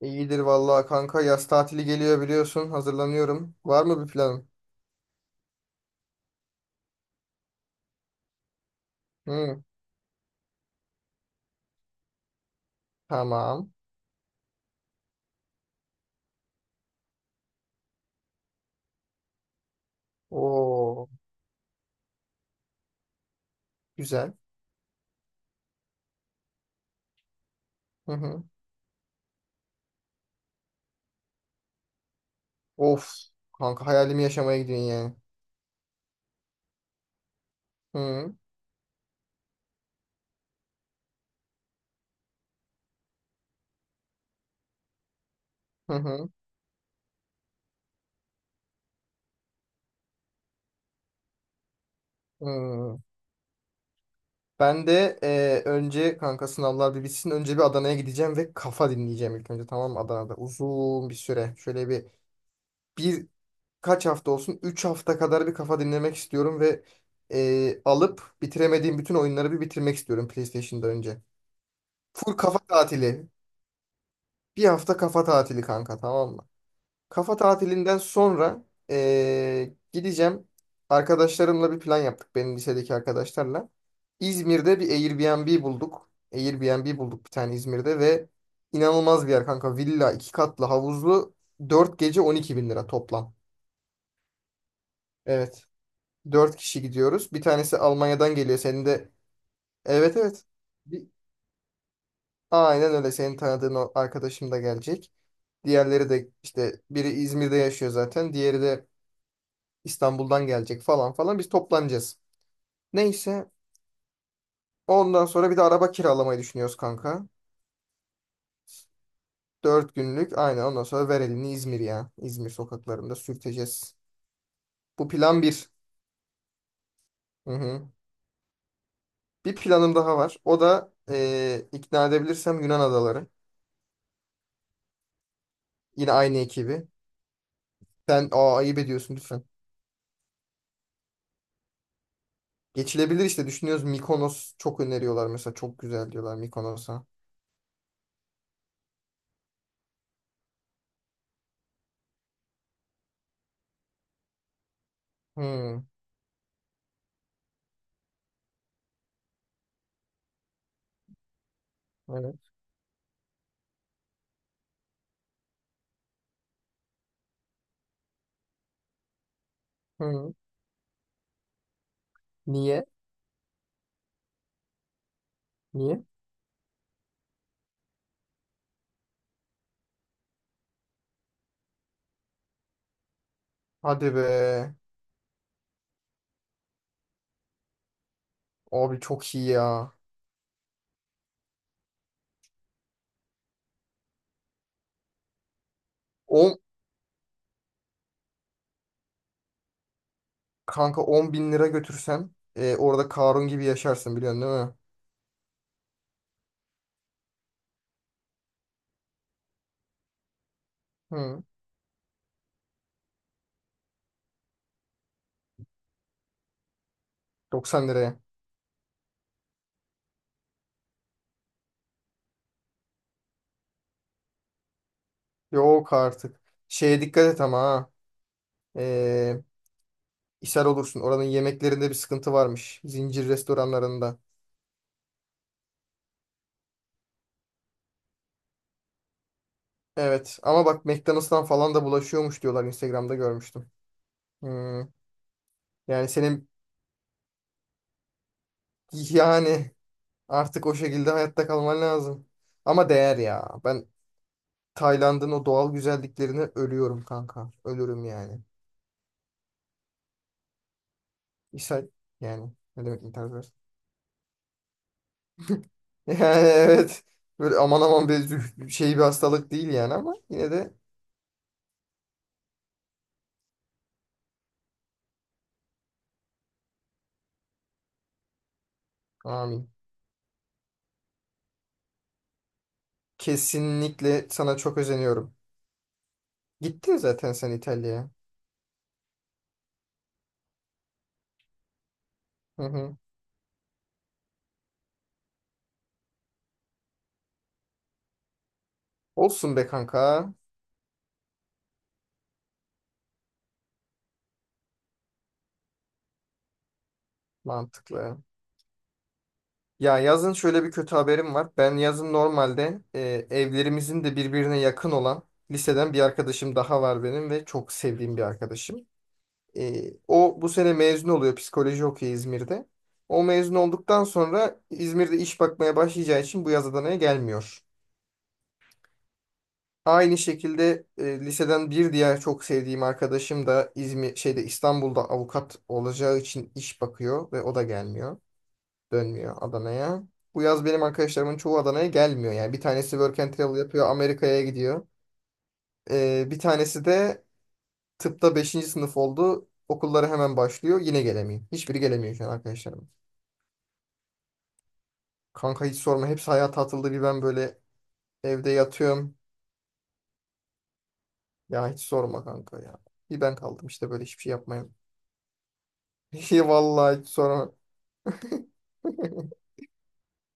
İyidir vallahi kanka yaz tatili geliyor biliyorsun hazırlanıyorum. Var mı bir planın? Hı, tamam. Oo, güzel. Hı hı. Of kanka hayalimi yaşamaya gidiyorsun yani. Hı hı hı. Hı. Ben de önce kanka sınavlar bir bitsin önce bir Adana'ya gideceğim ve kafa dinleyeceğim ilk önce, tamam mı? Adana'da uzun bir süre şöyle bir kaç hafta olsun, 3 hafta kadar bir kafa dinlemek istiyorum ve alıp bitiremediğim bütün oyunları bir bitirmek istiyorum PlayStation'da önce. Full kafa tatili. Bir hafta kafa tatili kanka, tamam mı? Kafa tatilinden sonra gideceğim. Arkadaşlarımla bir plan yaptık. Benim lisedeki arkadaşlarla. İzmir'de bir Airbnb bulduk bir tane İzmir'de ve inanılmaz bir yer kanka. Villa, iki katlı, havuzlu. 4 gece 12 bin lira toplam. Evet. Dört kişi gidiyoruz. Bir tanesi Almanya'dan geliyor. Senin de... Evet, evet. Bir... Aynen öyle. Senin tanıdığın o arkadaşım da gelecek. Diğerleri de işte biri İzmir'de yaşıyor zaten. Diğeri de İstanbul'dan gelecek falan falan. Biz toplanacağız. Neyse. Ondan sonra bir de araba kiralamayı düşünüyoruz kanka. 4 günlük. Aynen, ondan sonra ver elini İzmir ya. İzmir sokaklarında sürteceğiz. Bu plan bir. Hı hı. Bir planım daha var. O da ikna edebilirsem Yunan adaları. Yine aynı ekibi. Sen ayıp ediyorsun, lütfen. Geçilebilir işte, düşünüyoruz. Mikonos çok öneriyorlar mesela. Çok güzel diyorlar Mikonos'a. Hı, evet. Hı. Niye? Niye? Hadi be. Abi çok iyi ya. 10, kanka, 10 bin lira götürsen orada Karun gibi yaşarsın biliyorsun değil mi? Hı. 90 liraya. Yok artık. Şeye dikkat et ama ha. E, ishal olursun. Oranın yemeklerinde bir sıkıntı varmış. Zincir restoranlarında. Evet ama bak McDonald's'tan falan da bulaşıyormuş diyorlar, Instagram'da görmüştüm. Hı. Yani senin, yani artık o şekilde hayatta kalman lazım. Ama değer ya. Ben Tayland'ın o doğal güzelliklerine ölüyorum kanka. Ölürüm yani. İshal yani. Ne demek intihar eder? Yani evet. Böyle aman aman bir şey, bir hastalık değil yani ama yine de, amin. Kesinlikle sana çok özeniyorum. Gittin zaten sen İtalya'ya. Hı hı. Olsun be kanka. Mantıklı. Ya yazın şöyle bir kötü haberim var. Ben yazın normalde evlerimizin de birbirine yakın olan liseden bir arkadaşım daha var benim ve çok sevdiğim bir arkadaşım. E, O bu sene mezun oluyor, psikoloji okuyor İzmir'de. O mezun olduktan sonra İzmir'de iş bakmaya başlayacağı için bu yaz Adana'ya gelmiyor. Aynı şekilde liseden bir diğer çok sevdiğim arkadaşım da İzmir şeyde İstanbul'da avukat olacağı için iş bakıyor ve o da gelmiyor. Dönmüyor Adana'ya. Bu yaz benim arkadaşlarımın çoğu Adana'ya gelmiyor. Yani bir tanesi work and travel yapıyor, Amerika'ya gidiyor. Bir tanesi de tıpta beşinci sınıf oldu. Okulları hemen başlıyor. Yine gelemiyor. Hiçbiri gelemiyor şu an arkadaşlarım. Kanka hiç sorma. Hepsi hayata atıldı. Bir ben böyle evde yatıyorum. Ya hiç sorma kanka ya. Bir ben kaldım işte böyle, hiçbir şey yapmayayım. Vallahi hiç sorma.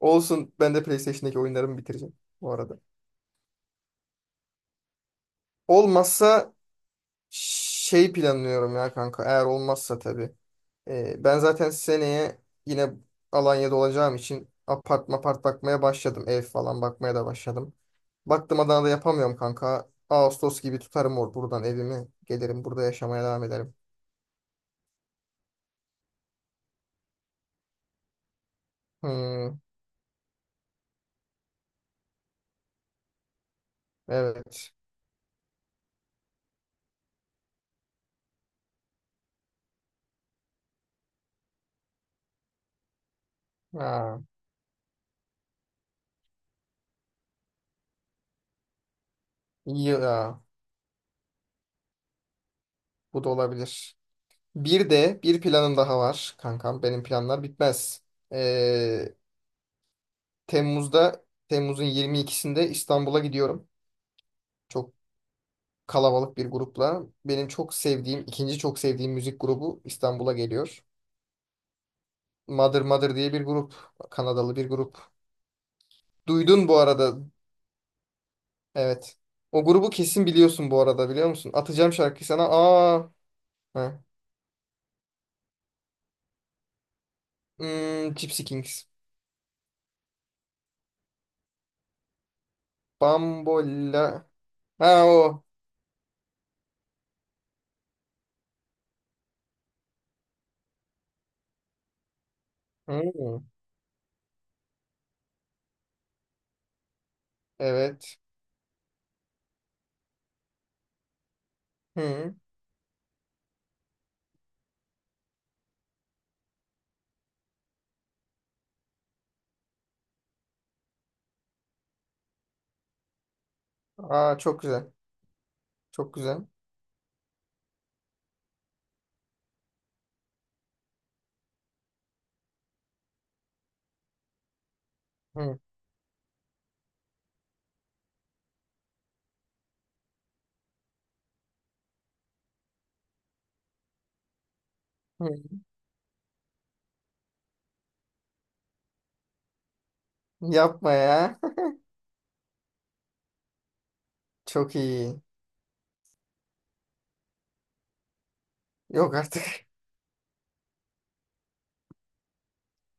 Olsun, ben de PlayStation'daki oyunlarımı bitireceğim bu arada. Olmazsa şey planlıyorum ya kanka. Eğer olmazsa tabii. Ben zaten seneye yine Alanya'da olacağım için apart mapart bakmaya başladım. Ev falan bakmaya da başladım. Baktım Adana'da yapamıyorum kanka. Ağustos gibi tutarım or buradan evimi. Gelirim burada yaşamaya devam ederim. Hmm. Evet. Ha, iyi ya. Bu da olabilir. Bir de bir planım daha var kankam. Benim planlar bitmez. Ee, Temmuz'un 22'sinde İstanbul'a gidiyorum. Çok kalabalık bir grupla. Benim çok sevdiğim, ikinci çok sevdiğim müzik grubu İstanbul'a geliyor. Mother Mother diye bir grup. Kanadalı bir grup. Duydun bu arada. Evet. O grubu kesin biliyorsun bu arada, biliyor musun? Atacağım şarkıyı sana. Aa. Heh. Hmm, Gypsy Kings. Bambolla. Ha o. Hı. Evet. Hı. Aa, çok güzel. Çok güzel. Hı. Hı. Yapma ya. Çok iyi. Yok artık.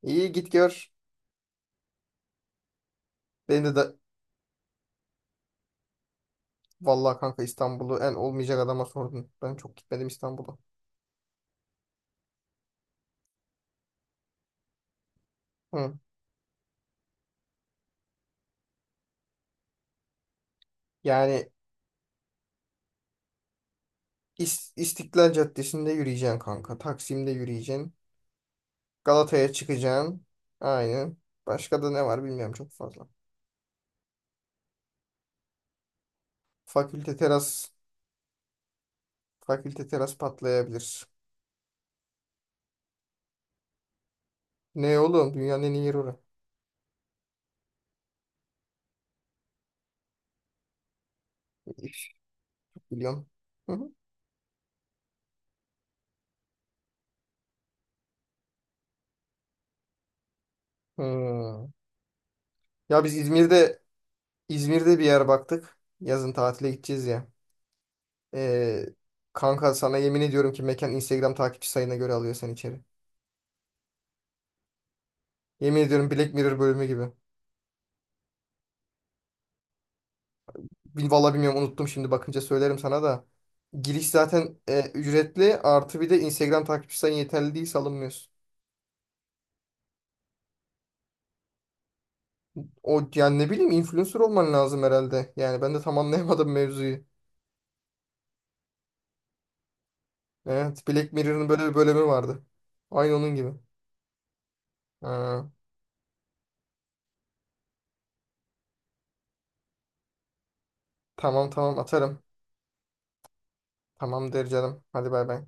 İyi git gör. Beni de, da Vallahi kanka İstanbul'u en olmayacak adama sordun. Ben çok gitmedim İstanbul'a. Hı. Yani İstiklal Caddesi'nde yürüyeceksin kanka. Taksim'de yürüyeceksin. Galata'ya çıkacaksın. Aynen. Başka da ne var bilmiyorum çok fazla. Fakülte teras. Fakülte teras patlayabilir. Ne oğlum? Dünyanın en iyi yeri orası. Biliyorum. Hı hı. Hı. Ya biz İzmir'de bir yer baktık. Yazın tatile gideceğiz ya. Ee, Kanka sana yemin ediyorum ki mekan Instagram takipçi sayına göre alıyor seni içeri. Yemin ediyorum, Black Mirror bölümü gibi. Vallahi bilmiyorum, unuttum, şimdi bakınca söylerim sana da. Giriş zaten ücretli, artı bir de Instagram takipçi sayın yeterli değilse alınmıyorsun. O yani, ne bileyim, influencer olman lazım herhalde. Yani ben de tam anlayamadım mevzuyu. Evet, Black Mirror'ın böyle bir bölümü vardı. Aynı onun gibi. Ha. Tamam, tamam, atarım. Tamamdır canım. Hadi bay bay.